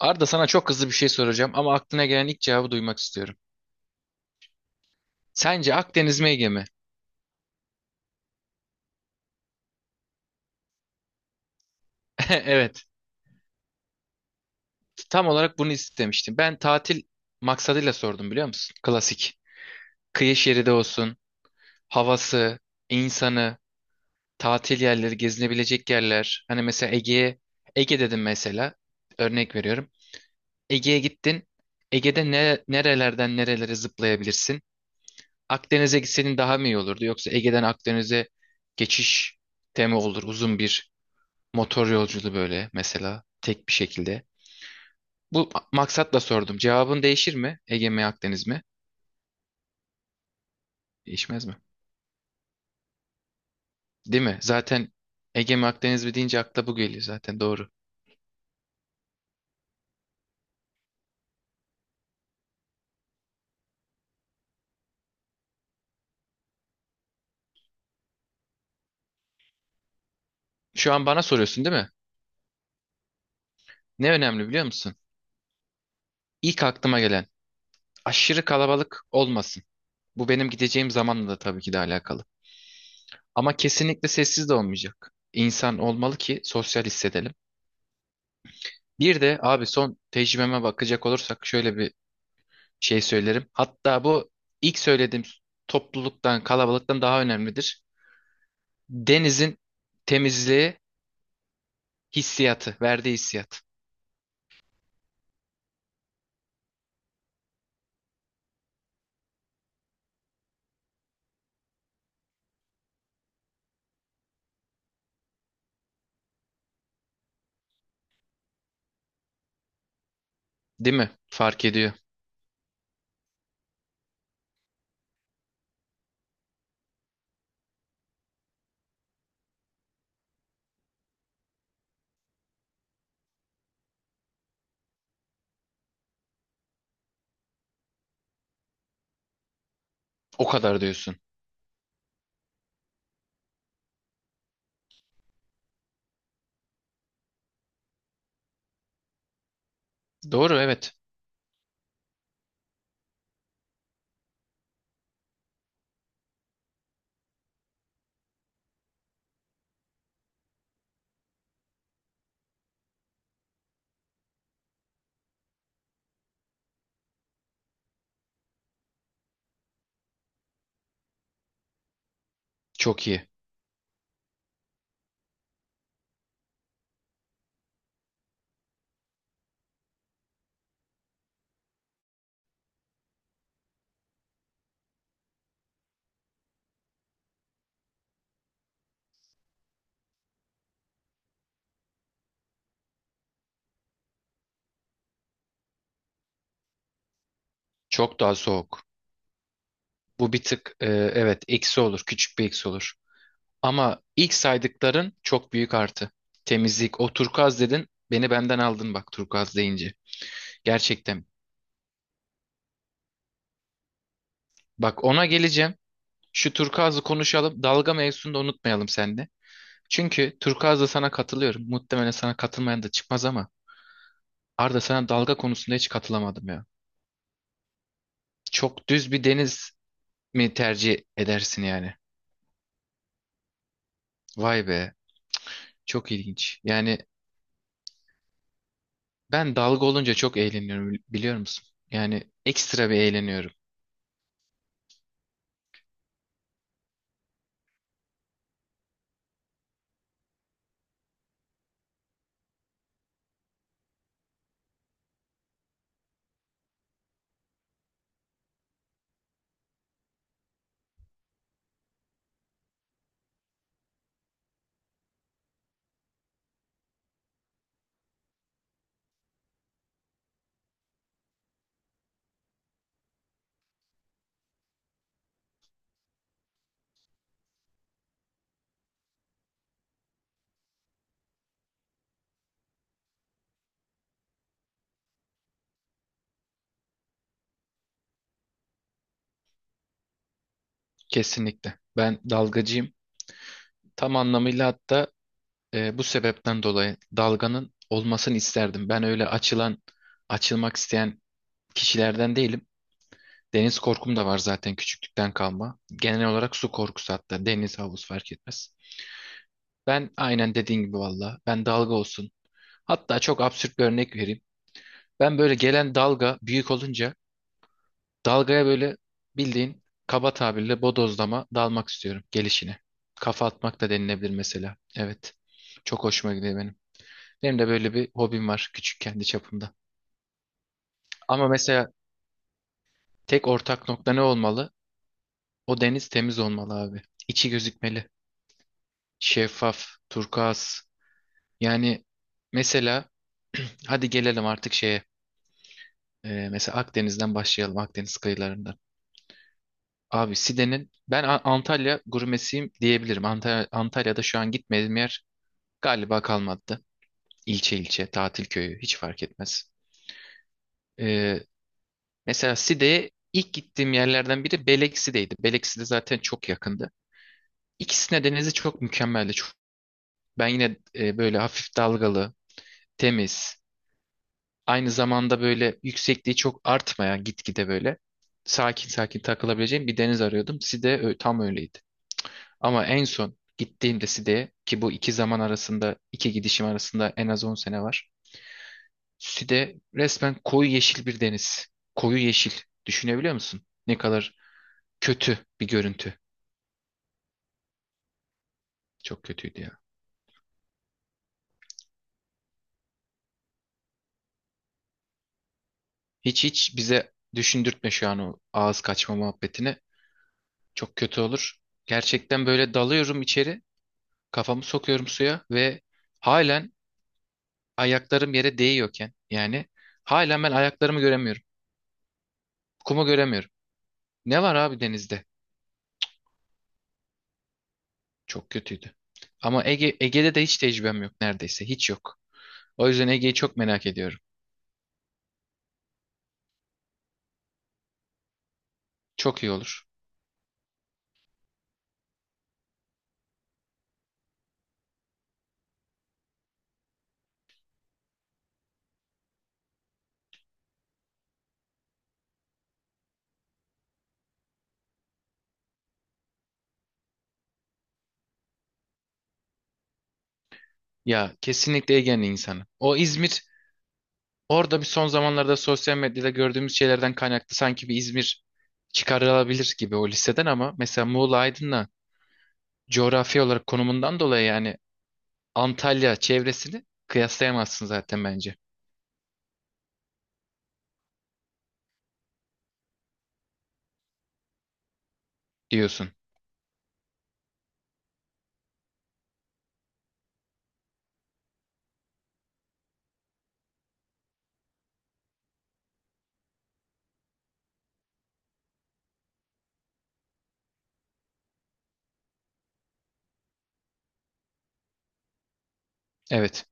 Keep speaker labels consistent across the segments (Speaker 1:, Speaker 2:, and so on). Speaker 1: Arda, sana çok hızlı bir şey soracağım ama aklına gelen ilk cevabı duymak istiyorum. Sence Akdeniz mi Ege mi? Evet, tam olarak bunu istemiştim. Ben tatil maksadıyla sordum, biliyor musun? Klasik. Kıyı şeridi olsun, havası, insanı, tatil yerleri, gezinebilecek yerler. Hani mesela Ege'ye, Ege dedim mesela, örnek veriyorum. Ege'ye gittin, Ege'de ne, nerelerden nerelere zıplayabilirsin? Akdeniz'e gitsenin daha mı iyi olurdu? Yoksa Ege'den Akdeniz'e geçiş temi olur, uzun bir motor yolculuğu böyle mesela tek bir şekilde. Maksatla sordum. Cevabın değişir mi? Ege mi Akdeniz mi? Değişmez mi? Değil mi? Zaten Ege mi Akdeniz mi deyince akla bu geliyor zaten, doğru. Şu an bana soruyorsun, değil mi? Ne önemli biliyor musun? İlk aklıma gelen, aşırı kalabalık olmasın. Bu benim gideceğim zamanla da tabii ki de alakalı. Ama kesinlikle sessiz de olmayacak. İnsan olmalı ki sosyal hissedelim. Bir de abi son tecrübeme bakacak olursak şöyle bir şey söylerim. Hatta bu ilk söylediğim, topluluktan, kalabalıktan daha önemlidir. Denizin temizliği, hissiyatı, verdiği hissiyat. Değil mi? Fark ediyor. O kadar diyorsun. Doğru, evet. Çok iyi. Çok daha soğuk. Bu bir tık, evet, eksi olur. Küçük bir eksi olur. Ama ilk saydıkların çok büyük artı. Temizlik. O turkuaz dedin. Beni benden aldın bak turkuaz deyince. Gerçekten. Bak ona geleceğim. Şu turkuazı konuşalım. Dalga mevzusunu da unutmayalım sen. Çünkü turkuazda sana katılıyorum. Muhtemelen sana katılmayan da çıkmaz ama Arda, sana dalga konusunda hiç katılamadım ya. Çok düz bir deniz mi tercih edersin yani? Vay be. Çok ilginç. Yani ben dalga olunca çok eğleniyorum biliyor musun? Yani ekstra bir eğleniyorum. Kesinlikle. Ben dalgacıyım. Tam anlamıyla, hatta bu sebepten dolayı dalganın olmasını isterdim. Ben öyle açılan, açılmak isteyen kişilerden değilim. Deniz korkum da var zaten, küçüklükten kalma. Genel olarak su korkusu, hatta deniz havuz fark etmez. Ben aynen dediğin gibi, valla, ben dalga olsun. Hatta çok absürt bir örnek vereyim. Ben böyle gelen dalga büyük olunca dalgaya böyle bildiğin kaba tabirle bodozlama dalmak istiyorum gelişine. Kafa atmak da denilebilir mesela. Evet. Çok hoşuma gidiyor benim. Benim de böyle bir hobim var küçük, kendi çapımda. Ama mesela tek ortak nokta ne olmalı? O deniz temiz olmalı abi. İçi gözükmeli. Şeffaf, turkuaz. Yani mesela hadi gelelim artık şeye. Mesela Akdeniz'den başlayalım, Akdeniz kıyılarından. Abi Side'nin, ben Antalya gurmesiyim diyebilirim. Antalya, Antalya'da şu an gitmediğim yer galiba kalmadı. İlçe ilçe, tatil köyü hiç fark etmez. Ee, mesela Side'ye ilk gittiğim yerlerden biri Beleksi'deydi. Belekside zaten çok yakındı. İkisine denizi çok mükemmeldi. Çok, ben yine böyle hafif dalgalı, temiz. Aynı zamanda böyle yüksekliği çok artmayan gitgide, böyle sakin sakin takılabileceğim bir deniz arıyordum. Tam öyleydi. Ama en son gittiğimde Side'ye, ki bu iki zaman arasında, iki gidişim arasında en az 10 sene var. Side resmen koyu yeşil bir deniz. Koyu yeşil. Düşünebiliyor musun? Ne kadar kötü bir görüntü. Çok kötüydü ya. Hiç hiç bize düşündürtme şu an o ağız kaçma muhabbetini. Çok kötü olur. Gerçekten böyle dalıyorum içeri. Kafamı sokuyorum suya ve halen ayaklarım yere değiyorken yani halen ben ayaklarımı göremiyorum. Kumu göremiyorum. Ne var abi denizde? Çok kötüydü. Ama Ege, Ege'de de hiç tecrübem yok neredeyse. Hiç yok. O yüzden Ege'yi çok merak ediyorum. Çok iyi olur. Ya kesinlikle Ege'nin insanı. O İzmir, orada bir son zamanlarda sosyal medyada gördüğümüz şeylerden kaynaklı sanki bir İzmir çıkarılabilir gibi o listeden, ama mesela Muğla Aydın'la coğrafi olarak konumundan dolayı yani Antalya çevresini kıyaslayamazsın zaten bence, diyorsun. Evet.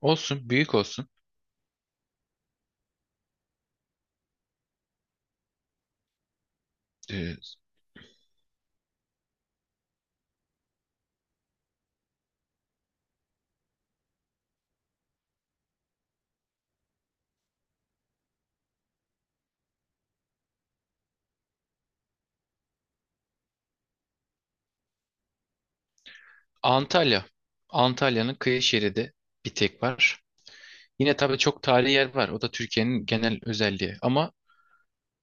Speaker 1: Olsun, büyük olsun. Ee, Antalya. Antalya'nın kıyı şeridi bir tek var. Yine tabii çok tarihi yer var. O da Türkiye'nin genel özelliği. Ama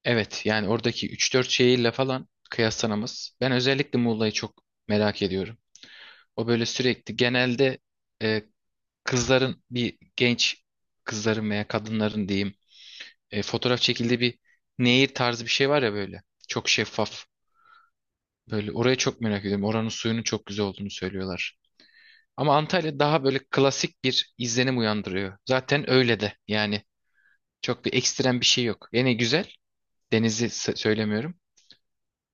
Speaker 1: evet yani oradaki üç dört şehirle falan kıyaslanamaz. Ben özellikle Muğla'yı çok merak ediyorum. O böyle sürekli genelde e, kızların, bir genç kızların veya kadınların diyeyim, fotoğraf çekildiği bir nehir tarzı bir şey var ya böyle. Çok şeffaf. Böyle oraya çok merak ediyorum. Oranın suyunun çok güzel olduğunu söylüyorlar. Ama Antalya daha böyle klasik bir izlenim uyandırıyor. Zaten öyle de. Yani çok bir ekstrem bir şey yok. Yine güzel. Söylemiyorum.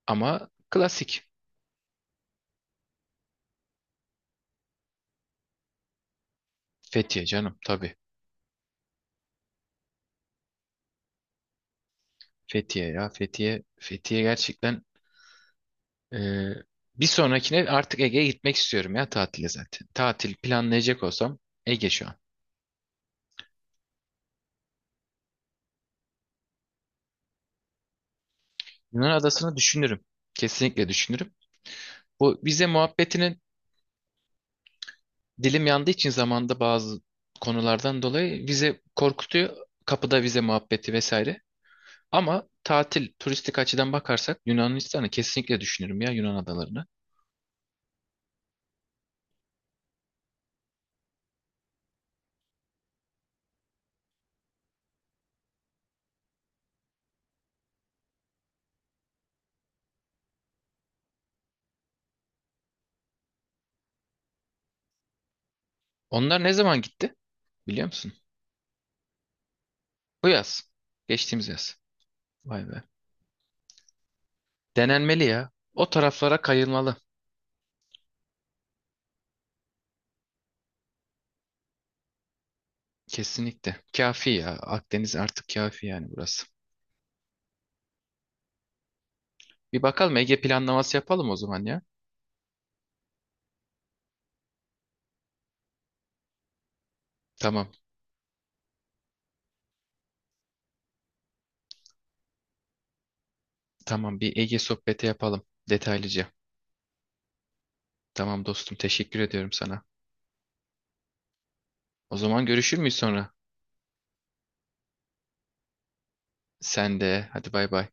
Speaker 1: Ama klasik. Fethiye canım tabii. Fethiye ya Fethiye. Fethiye gerçekten, e, bir sonrakine artık Ege'ye gitmek istiyorum ya tatile zaten. Tatil planlayacak olsam Ege şu an. Yunan adasını düşünürüm. Kesinlikle düşünürüm. Bu vize muhabbetinin dilim yandığı için zamanda bazı konulardan dolayı vize korkutuyor. Kapıda vize muhabbeti vesaire. Ama tatil, turistik açıdan bakarsak Yunanistan'ı kesinlikle düşünürüm ya, Yunan adalarını. Onlar ne zaman gitti biliyor musun? Bu yaz. Geçtiğimiz yaz. Vay be. Denenmeli ya. O taraflara kayılmalı. Kesinlikle. Kafi ya. Akdeniz artık kafi yani burası. Bir bakalım, Ege planlaması yapalım o zaman ya. Tamam. Tamam, bir Ege sohbeti yapalım detaylıca. Tamam dostum, teşekkür ediyorum sana. O zaman görüşür müyüz sonra? Sen de. Hadi bay bay.